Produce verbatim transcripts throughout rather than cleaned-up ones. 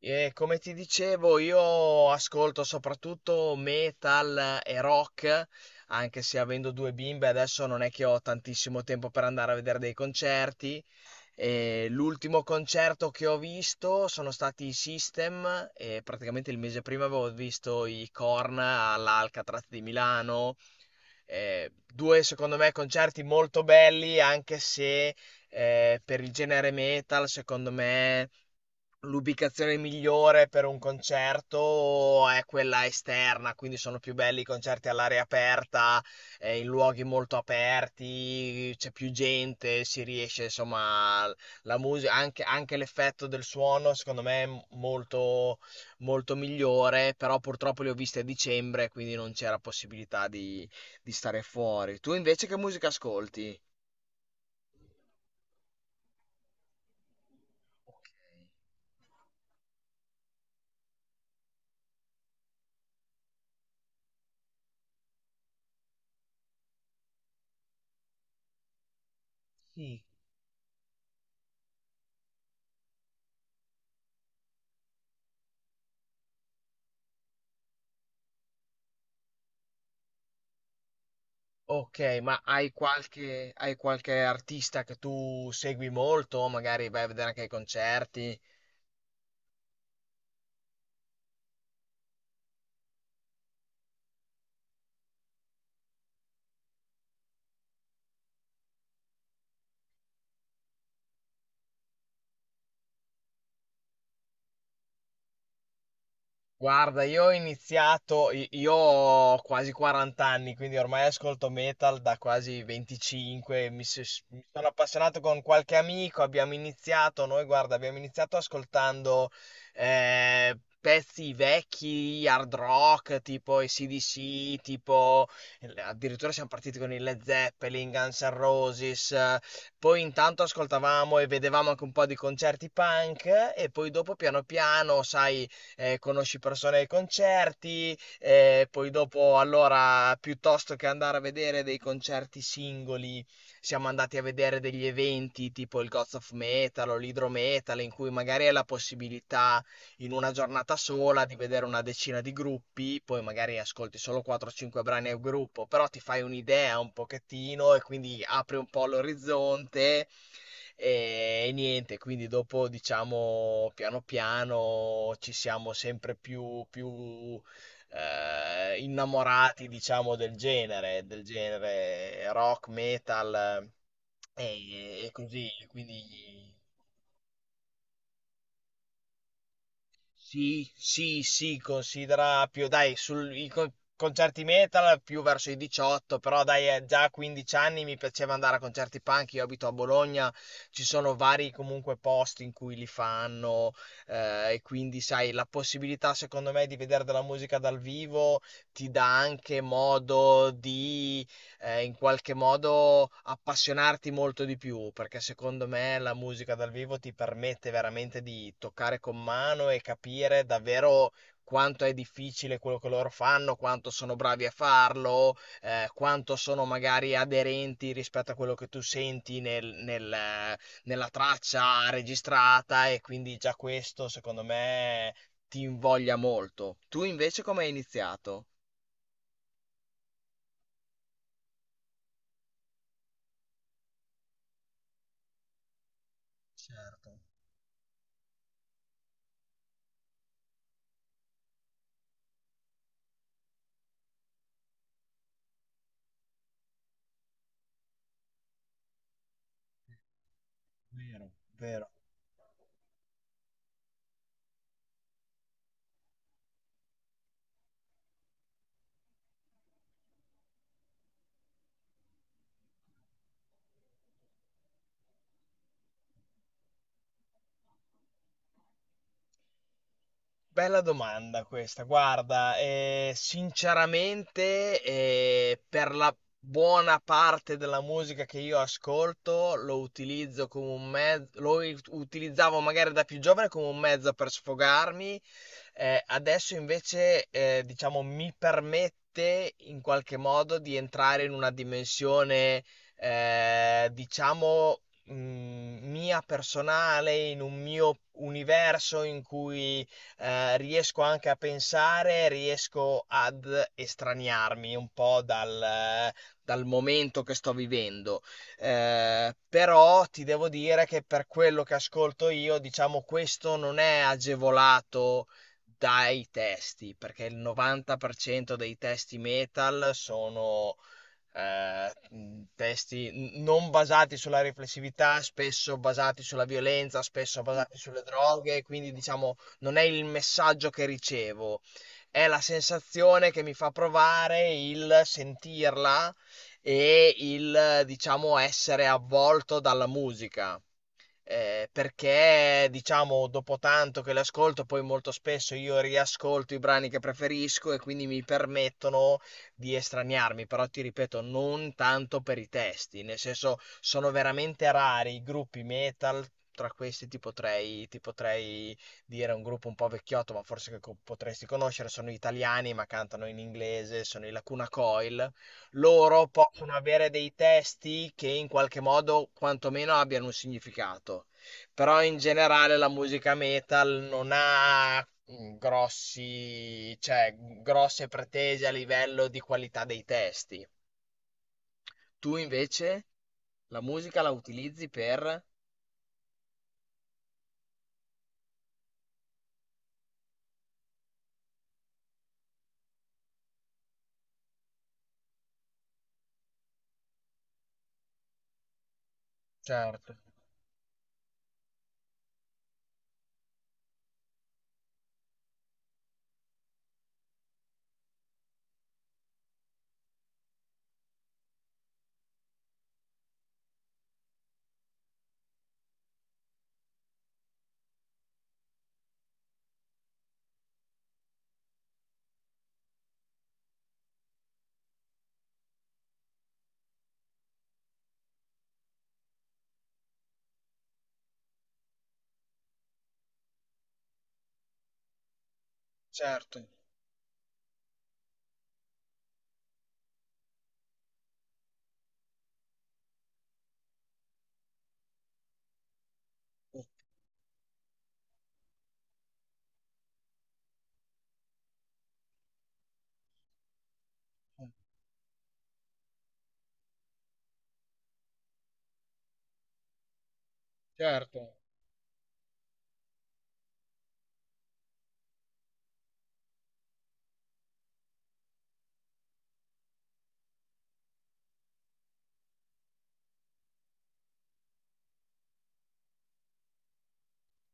E come ti dicevo, io ascolto soprattutto metal e rock, anche se avendo due bimbe adesso non è che ho tantissimo tempo per andare a vedere dei concerti. E l'ultimo concerto che ho visto sono stati i System e praticamente il mese prima avevo visto i Korn all'Alcatraz di Milano. Eh, due, secondo me, concerti molto belli, anche se eh, per il genere metal, secondo me, l'ubicazione migliore per un concerto è quella esterna, quindi sono più belli i concerti all'aria aperta, eh, in luoghi molto aperti, c'è più gente, si riesce, insomma, la musica, anche, anche l'effetto del suono, secondo me, è molto, molto migliore, però purtroppo le ho viste a dicembre, quindi non c'era possibilità di, di stare fuori. Tu invece che musica ascolti? Ok. Sì. Ok, ma hai qualche, hai qualche artista che tu segui molto? Magari vai a vedere anche i concerti? Guarda, io ho iniziato, i- io ho quasi quaranta anni, quindi ormai ascolto metal da quasi venticinque, mi, s- mi sono appassionato con qualche amico, abbiamo iniziato, noi guarda, abbiamo iniziato ascoltando eh, pezzi vecchi, hard rock, tipo A C/D C, tipo addirittura siamo partiti con i Led Zeppelin, Guns N' Roses, eh, poi intanto ascoltavamo e vedevamo anche un po' di concerti punk eh, e poi dopo piano piano, sai eh, conosci persone ai concerti, eh, poi dopo allora piuttosto che andare a vedere dei concerti singoli, siamo andati a vedere degli eventi tipo il Gods of Metal o l'Hydro Metal in cui magari hai la possibilità in una giornata sola di vedere una decina di gruppi, poi magari ascolti solo quattro o cinque brani a gruppo, però ti fai un'idea un pochettino e quindi apri un po' l'orizzonte e e niente, quindi dopo diciamo piano piano ci siamo sempre più, più eh, innamorati diciamo del genere, del genere rock, metal eh, e, e così, quindi. Sì, sì, sì, considera più, dai, sul, i con- concerti metal più verso i diciotto, però dai, eh, già a quindici anni mi piaceva andare a concerti punk, io abito a Bologna, ci sono vari comunque posti in cui li fanno, eh, e quindi sai, la possibilità secondo me di vedere della musica dal vivo ti dà anche modo di eh, in qualche modo appassionarti molto di più, perché secondo me la musica dal vivo ti permette veramente di toccare con mano e capire davvero quanto è difficile quello che loro fanno, quanto sono bravi a farlo, eh, quanto sono magari aderenti rispetto a quello che tu senti nel- nel, eh, nella traccia registrata e quindi già questo secondo me ti invoglia molto. Tu invece come hai iniziato? Certo, vero, vero. Bella domanda questa, guarda, eh, sinceramente eh, per la buona parte della musica che io ascolto lo utilizzo come un mezzo, lo ut- utilizzavo magari da più giovane come un mezzo per sfogarmi, eh, adesso invece eh, diciamo mi permette in qualche modo di entrare in una dimensione eh, diciamo mh, mia personale, in un mio universo in cui eh, riesco anche a pensare, riesco ad estraniarmi un po' dal, dal momento che sto vivendo. Eh, però ti devo dire che per quello che ascolto io, diciamo, questo non è agevolato dai testi, perché il novanta per cento dei testi metal sono eh, mh, testi n- non basati sulla riflessività, spesso basati sulla violenza, spesso basati sulle droghe, quindi diciamo non è il messaggio che ricevo, è la sensazione che mi fa provare il sentirla e il diciamo essere avvolto dalla musica eh, perché diciamo dopo tanto che le ascolto, poi molto spesso io riascolto i brani che preferisco e quindi mi permettono di estraniarmi, però ti ripeto, non tanto per i testi, nel senso sono veramente rari i gruppi metal. Tra questi ti potrei, ti potrei dire un gruppo un po' vecchiotto, ma forse che co- potresti conoscere, sono italiani ma cantano in inglese, sono i Lacuna Coil, loro possono avere dei testi che in qualche modo quantomeno abbiano un significato. Però in generale la musica metal non ha mm, grossi, cioè, grosse pretese a livello di qualità dei testi. Tu invece la musica la utilizzi per... Certo, certo, certo.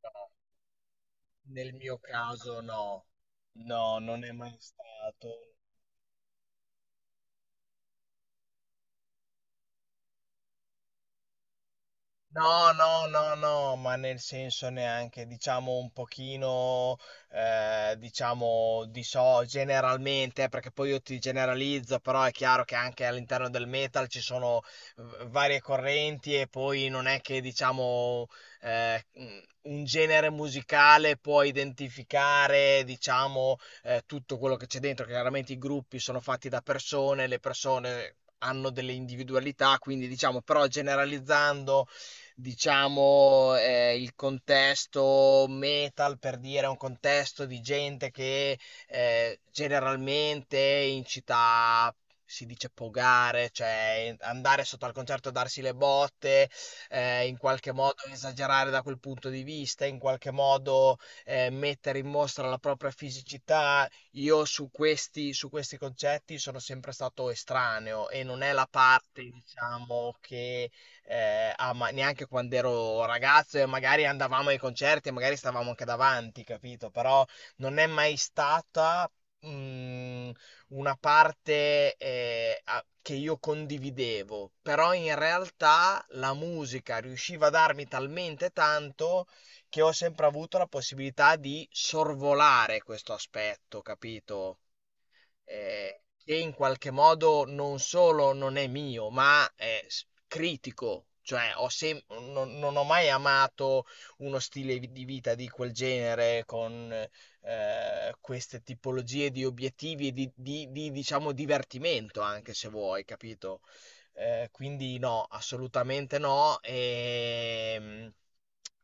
No, nel mio caso no. No, non è mai stato. No, no, no, no, ma nel senso neanche, diciamo un pochino, eh, diciamo, di so generalmente, perché poi io ti generalizzo, però è chiaro che anche all'interno del metal ci sono v- varie correnti e poi non è che, diciamo, eh, un genere musicale può identificare, diciamo, eh, tutto quello che c'è dentro, che chiaramente i gruppi sono fatti da persone, le persone... hanno delle individualità, quindi diciamo, però generalizzando, diciamo, eh, il contesto metal, per dire, è un contesto di gente che eh, generalmente in città si dice pogare, cioè andare sotto al concerto e darsi le botte, eh, in qualche modo esagerare da quel punto di vista, in qualche modo eh, mettere in mostra la propria fisicità. Io su questi, su questi concetti sono sempre stato estraneo e non è la parte, diciamo, che eh, a ma- neanche quando ero ragazzo e magari andavamo ai concerti e magari stavamo anche davanti, capito? Però non è mai stata mh, una parte eh, a- che io condividevo, però in realtà la musica riusciva a darmi talmente tanto che ho sempre avuto la possibilità di sorvolare questo aspetto, capito? Eh, che in qualche modo non solo non è mio, ma è s- critico. Cioè, ho sem- non, non ho mai amato uno stile vi- di vita di quel genere con eh, queste tipologie di obiettivi e di, di- di, diciamo, divertimento, anche se vuoi, capito? Eh, quindi no, assolutamente no. E,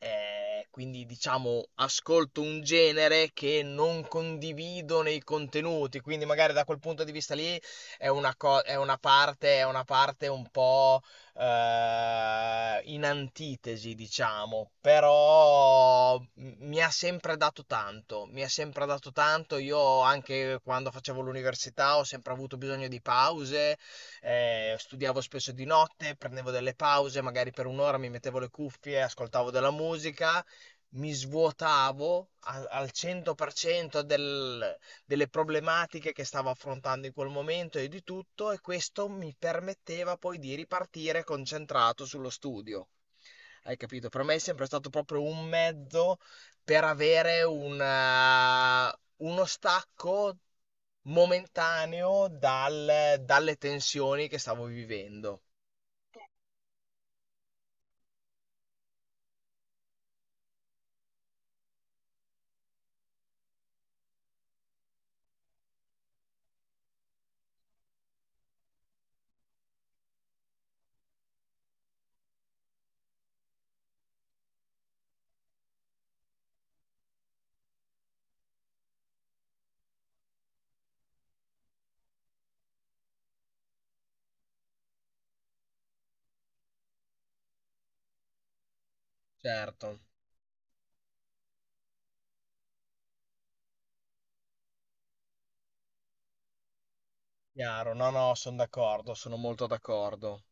eh, quindi diciamo ascolto un genere che non condivido nei contenuti, quindi magari da quel punto di vista lì è una, co- è una parte, è una parte un po' eh, in antitesi, diciamo, però m- mi ha sempre dato tanto, mi ha sempre dato tanto. Io anche quando facevo l'università ho sempre avuto bisogno di pause eh, studiavo spesso di notte, prendevo delle pause, magari per un'ora mi mettevo le cuffie, ascoltavo della musica, mi svuotavo a- al cento per cento del- delle problematiche che stavo affrontando in quel momento e di tutto, e questo mi permetteva poi di ripartire concentrato sullo studio. Hai capito? Per me è sempre stato proprio un mezzo per avere una- uno stacco momentaneo dal- dalle tensioni che stavo vivendo. Certo, chiaro, no, no, sono d'accordo, sono molto d'accordo.